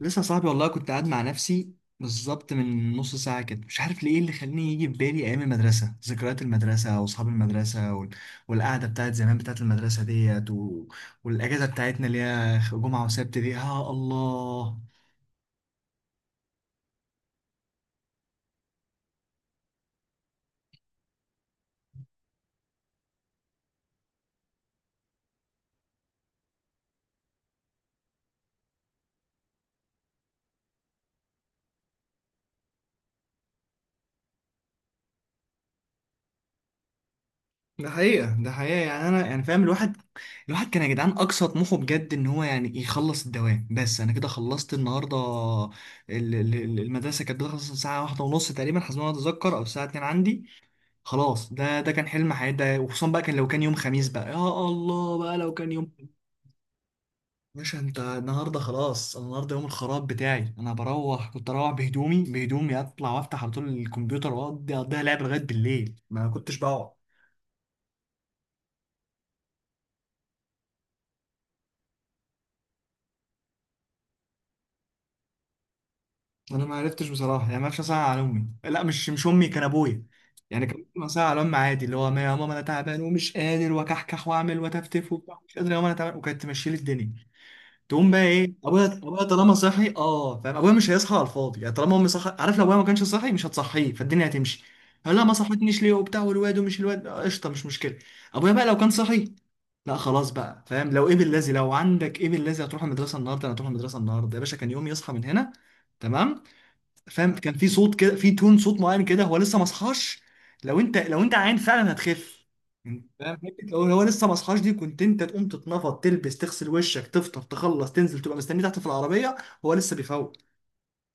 لسه صاحبي والله، كنت قاعد مع نفسي بالظبط من نص ساعة كده، مش عارف ليه اللي خلاني يجي في بالي أيام المدرسة، ذكريات المدرسة وأصحاب المدرسة والقعدة بتاعت زمان بتاعت المدرسة ديت والأجازة بتاعتنا اللي هي جمعة وسبت دي. يا الله، ده حقيقة، ده حقيقة. يعني أنا فاهم. الواحد كان يا جدعان أقصى طموحه بجد إن هو يعني يخلص الدوام. بس أنا كده خلصت النهاردة. المدرسة كانت بتخلص الساعة واحدة ونص تقريبا، حسب ما أنا أتذكر، أو الساعة اتنين عندي. خلاص، ده كان حلم حياتي ده. وخصوصا بقى كان لو كان يوم خميس، بقى يا الله بقى لو كان يوم. باشا انت النهارده خلاص، انا النهارده يوم الخراب بتاعي، انا بروح، كنت اروح بهدومي بهدومي، اطلع وافتح على طول الكمبيوتر واقضي اقضيها لعب لغايه بالليل، ما كنتش بقعد. انا ما عرفتش بصراحه يعني، ما عرفتش اسال على امي، لا مش امي، كان ابويا. يعني كان ممكن اسال على امي عادي، اللي هو يا ماما انا تعبان ومش قادر وكحكح واعمل وتفتف وبتاع، مش قادر يا ماما انا تعبان، وكانت تمشي لي الدنيا. تقوم بقى ايه؟ ابويا طالما صحي، اه، فاهم؟ ابويا مش هيصحى على الفاضي يعني، طالما امي صحي، عارف؟ لو ابويا ما كانش صحي مش هتصحيه، فالدنيا هتمشي. هقول لها ما صحتنيش ليه وبتاع، والواد ومش الواد قشطه مش مشكله. ابويا بقى لو كان صحي، لا خلاص بقى، فاهم؟ لو ايه بالذي، لو عندك ايه بالذي هتروح المدرسه النهارده، انا هتروح المدرسه النهارده يا باشا. كان يوم يصحى من هنا، تمام؟ فاهم؟ كان في صوت كده، في تون صوت معين كده هو لسه ما صحاش. لو انت عيان فعلا هتخف. انت فاهم حته لو هو لسه ما صحاش دي، كنت انت تقوم تتنفض تلبس تغسل وشك تفطر تخلص تنزل تبقى مستني تحت في العربيه، هو لسه بيفوق.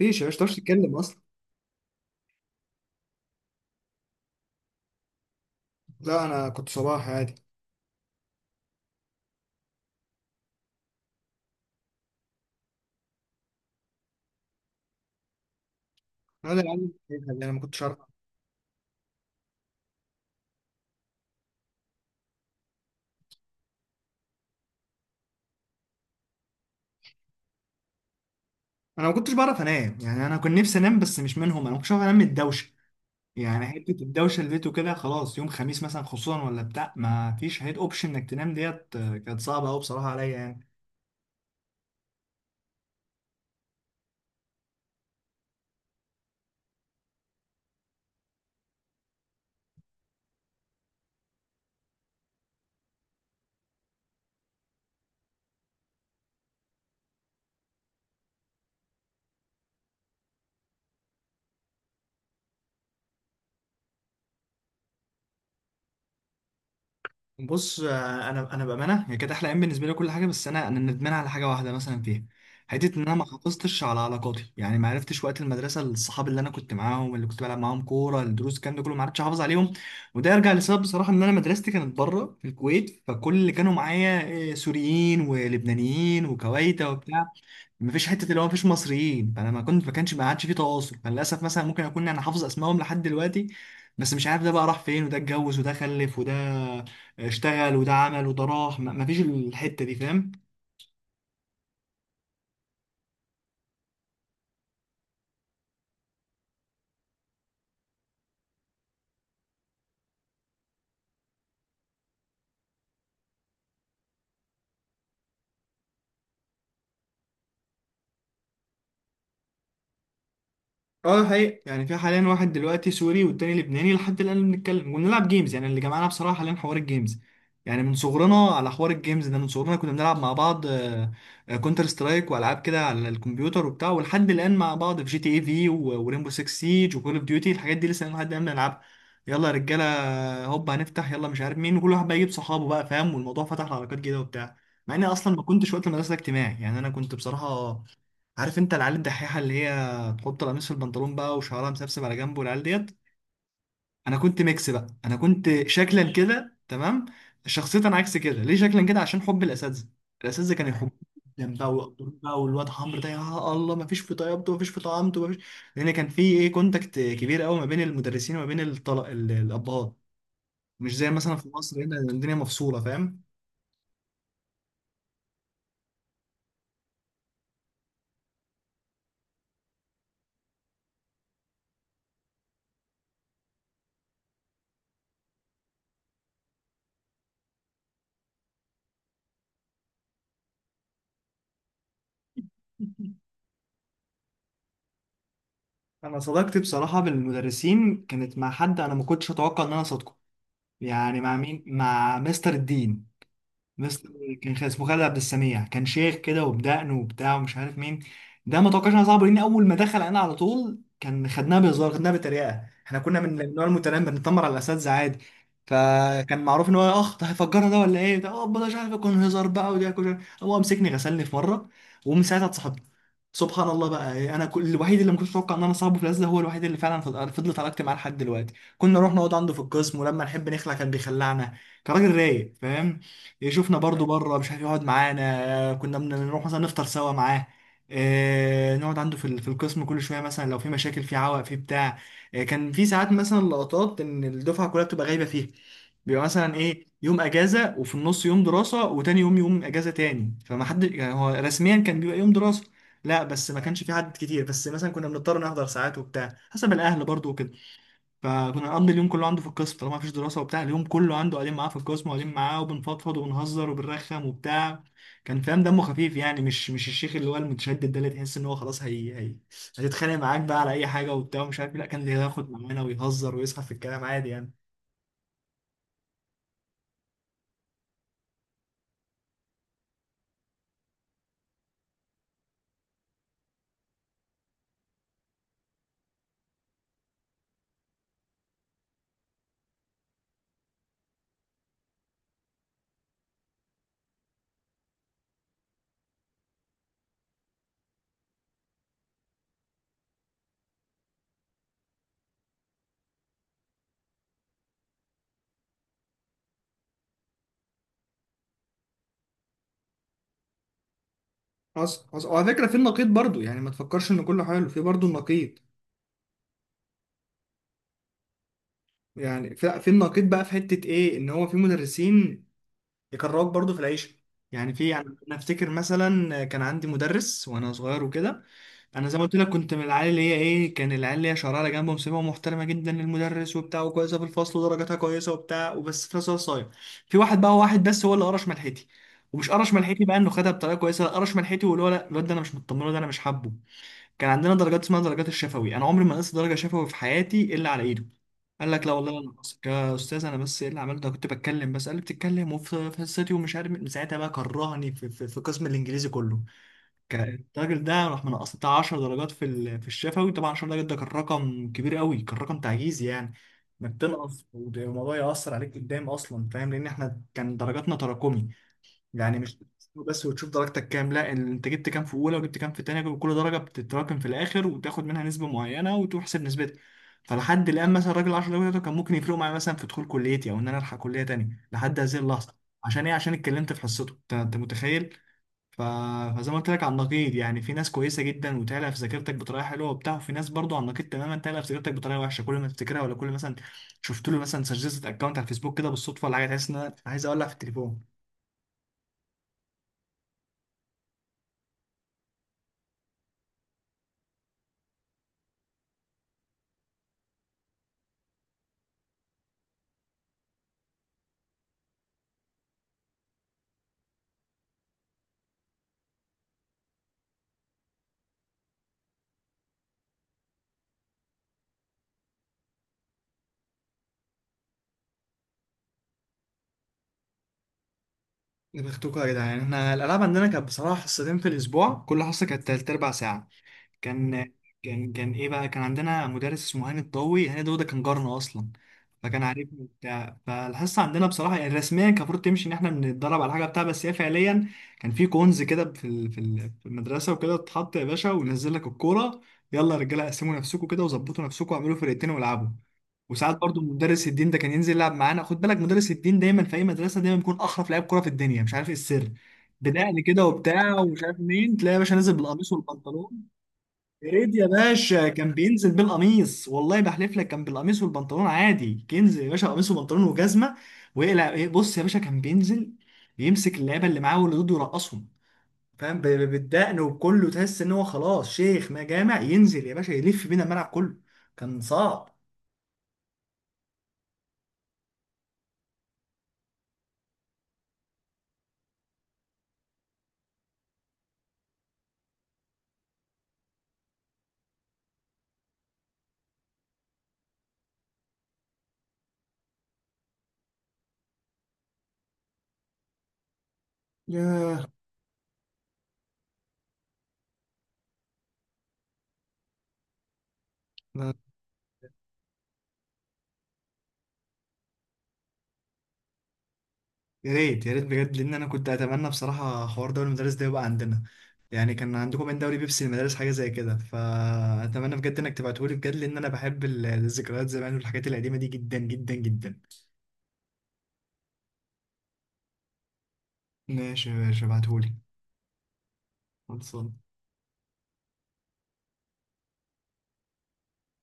مفيش يا باشا، ما تعرفش تتكلم اصلا. لا، انا كنت صباح عادي. هذا يا عم، انا ما كنتش عارف. انا ما كنتش بعرف انام، يعني انا كنت نفسي انام بس مش منهم، انا ما كنتش عارف انام من الدوشه. يعني حته الدوشه اللي لقيته كده خلاص يوم خميس مثلا خصوصا ولا بتاع، ما فيش هيد اوبشن انك تنام ديت كانت صعبه قوي بصراحه عليا يعني. بص، انا بامانه هي كانت احلى ايام بالنسبه لي، كل حاجه. بس انا ندمان على حاجه واحده مثلا فيها، حته ان انا ما حافظتش على علاقاتي. يعني ما عرفتش وقت المدرسه الصحاب اللي انا كنت معاهم، اللي كنت بلعب معاهم كوره، الدروس، الكلام ده كله، ما عرفتش احافظ عليهم. وده يرجع لسبب بصراحه، ان انا مدرستي كانت بره في الكويت، فكل اللي كانوا معايا سوريين ولبنانيين وكويتا وبتاع. مفيش حته اللي هو مفيش مصريين، فانا ما كنت، ما كانش، ما عادش في تواصل. فللاسف مثلا ممكن اكون انا حافظ اسمائهم لحد دلوقتي، بس مش عارف ده بقى راح فين، وده اتجوز، وده خلف، وده اشتغل، وده عمل، وده راح، مفيش الحته دي، فاهم؟ اه ده حقيقي. يعني في حاليا واحد دلوقتي سوري والتاني لبناني، لحد الان بنتكلم وبنلعب جيمز. يعني اللي جمعنا بصراحه حاليا حوار الجيمز، يعني من صغرنا على حوار الجيمز ده، من صغرنا كنا بنلعب مع بعض كونتر سترايك والعاب كده على الكمبيوتر وبتاع، ولحد الان مع بعض في جي تي اي في، وريمبو 6 سيج، وكول اوف ديوتي، الحاجات دي لسه لحد الان بنلعبها. يلا يا رجاله، هوب هنفتح، يلا مش عارف مين، وكل واحد بقى يجيب صحابه بقى، فاهم؟ والموضوع فتح لعلاقات جديده وبتاع، مع اني اصلا ما كنتش وقت المدرسه اجتماعي. يعني انا كنت بصراحه، عارف انت العيال الدحيحه اللي هي تحط القميص في البنطلون بقى وشعرها مسبسب على جنبه والعيال ديت؟ انا كنت ميكس بقى، انا كنت شكلا كده تمام، شخصيا عكس كده. ليه شكلا كده؟ عشان حب الاساتذه، الاساتذه كانوا يحبوني جدا بقى ويقدروني بقى، والواد حمر ده يا الله، ما فيش في طيبته، ما فيش في طعامته، ما فيش. لان كان في ايه، كونتاكت كبير قوي ما بين المدرسين وما بين الابهات، مش زي مثلا في مصر هنا الدنيا مفصوله، فاهم؟ انا صداقتي بصراحه بالمدرسين كانت مع حد انا ما كنتش اتوقع ان انا صادقه. يعني مع مين؟ مع مستر الدين. مستر كان، كان اسمه خالد عبد السميع، كان شيخ كده وبدقن وبتاع ومش عارف مين. ده ما توقعش انها صعبه، لان اول ما دخل انا على طول كان خدناها بهزار، خدناها بطريقه، احنا كنا من النوع المتنمر، بنتنمر على الاساتذه عادي. فكان معروف ان هو اخ، ده هيفجرنا ده ولا ايه ده؟ اه ده مش عارف يكون هزار بقى ودي كده. هو مسكني غسلني في مره، ومن ساعتها اتصاحبت. سبحان الله بقى، انا كل الوحيد اللي ما كنتش اتوقع ان انا صاحبه في الازله، هو الوحيد اللي فعلا فضلت علاقتي معاه لحد دلوقتي. كنا نروح نقعد عنده في القسم، ولما نحب نخلع كان بيخلعنا. كان راجل رايق، فاهم؟ يشوفنا برضو بره مش عارف، يقعد معانا. كنا بنروح مثلا نفطر سوا معاه، نقعد عنده في في القسم كل شويه، مثلا لو في مشاكل في عوق في بتاع. كان في ساعات مثلا لقطات ان الدفعه كلها بتبقى غايبه فيها، بيبقى مثلا ايه، يوم اجازه، وفي النص يوم دراسه، وتاني يوم يوم اجازه تاني، فما حد، يعني هو رسميا كان بيبقى يوم دراسه. لا بس ما كانش في عدد كتير، بس مثلا كنا بنضطر نحضر ساعات وبتاع، حسب الاهل برضو وكده. فكنا نقضي اليوم كله عنده في القسم طالما مفيش دراسة وبتاع، اليوم كله عنده قاعدين معاه في القسم، وقاعدين معاه وبنفضفض وبنهزر وبنرخم وبتاع. كان فاهم، دمه خفيف، يعني مش الشيخ اللي هو المتشدد ده، اللي تحس ان هو خلاص، هي هتتخانق معاك بقى على اي حاجة وبتاع ومش عارف إيه. لا، كان بياخد معانا ويهزر ويسخف في الكلام عادي يعني. حصل، حصل. وعلى فكرة في النقيض برضو، يعني ما تفكرش ان كله حلو، في برضو النقيض. يعني في النقيض بقى، في حتة ايه، ان هو في مدرسين يكرهوك برضو في العيشة. يعني في يعني انا افتكر مثلا كان عندي مدرس وانا صغير وكده. انا زي ما قلت لك كنت من العيال اللي هي ايه، كان العيال اللي هي شرارة جنبه مسيبه، محترمة جدا للمدرس وبتاع، وكويسة في الفصل ودرجاتها كويسة وبتاع، وبس في نفس الوقت صايع. في واحد بقى، هو واحد بس هو اللي قرش ملحتي. ومش قرش ملحتي بقى انه خدها بطريقة كويسة، لا، قرش ملحتي واللي هو لا الواد ده انا مش مطمنه، ده انا مش حابه. كان عندنا درجات اسمها درجات الشفوي، انا عمري ما نقصت درجه شفوي في حياتي الا على ايده. قال لك لا والله انا نقصت يا استاذ انا، بس ايه اللي عملته؟ أنا كنت بتكلم بس. قال لي بتتكلم وفي حصتي ومش عارف مين. من ساعتها بقى كرهني في، في قسم الانجليزي كله. كان الراجل ده راح منقص بتاع 10 درجات في في الشفوي. طبعا 10 درجات ده كان رقم كبير قوي، كان رقم تعجيزي، يعني انك تنقص والموضوع يأثر عليك قدام اصلا، فاهم؟ لان احنا كان درجاتنا تراكمي، يعني مش بس وتشوف درجتك كام، لا، انت جبت كام في اولى وجبت كام في تانية، وكل درجه بتتراكم في الاخر وتاخد منها نسبه معينه وتحسب نسبتها. فلحد الان مثلا الراجل 10 درجات بتوعه كان ممكن يفرقوا معايا مثلا في دخول كليتي، او ان انا الحق كليه تانية لحد هذه اللحظه. عشان ايه؟ عشان اتكلمت في حصته. انت، انت متخيل؟ ف... فزي ما قلت لك، على النقيض، يعني في ناس كويسه جدا وتعلق في ذاكرتك بطريقه حلوه وبتاع، وفي ناس برضو على النقيض تماما تعلق في ذاكرتك بطريقه وحشه، كل ما تفتكرها، ولا كل مثلا شفت له مثلا، سجلت اكونت على الفيسبوك كده بالصدفه ولا حاجه، تحس ان انا عايز اولع في التليفون. دماغتكم يا جدعان، احنا الالعاب عندنا كانت بصراحه حصتين في الاسبوع، كل حصه كانت تلت اربع ساعه. كان كان ايه بقى، كان عندنا مدرس اسمه هاني الضوي. هاني الضوي ده كان جارنا اصلا، فكان عارفني وبتاع. فالحصه عندنا بصراحه، يعني رسميا كان المفروض تمشي ان احنا بنتدرب على حاجه بتاع، بس هي فعليا كان في كونز كده في في المدرسه وكده، اتحط يا باشا وينزل لك الكوره. يلا يا رجاله، قسموا نفسكم كده وظبطوا نفسكم واعملوا فرقتين والعبوا. وساعات برضو مدرس الدين ده كان ينزل يلعب معانا. خد بالك، مدرس الدين دايما في اي مدرسه دايما بيكون احرف لعيب كوره في الدنيا، مش عارف ايه السر. بنقل كده وبتاع ومش عارف مين، تلاقي يا باشا نازل بالقميص والبنطلون. يا ريت يا باشا كان بينزل بالقميص، والله بحلف لك كان بالقميص والبنطلون عادي، ينزل يا باشا قميص وبنطلون وجزمه ويقلع إيه، بص يا باشا كان بينزل يمسك اللعيبه اللي معاه واللي ضده يرقصهم، فاهم؟ بالدقن وكله، تحس ان هو خلاص شيخ ما جامع، ينزل يا باشا يلف بينا الملعب كله. كان صعب. ياه، يا ريت، يا ريت بجد، لان انا كنت اتمنى بصراحه حوار دوري المدارس ده يبقى عندنا. يعني كان عندكم من دوري بيبسي المدارس حاجه زي كده، فاتمنى بجد انك تبعتهولي بجد، لان انا بحب الذكريات زمان والحاجات القديمه دي جدا جدا جدا. ماشي يا باشا، ابعتهولي. خلصان.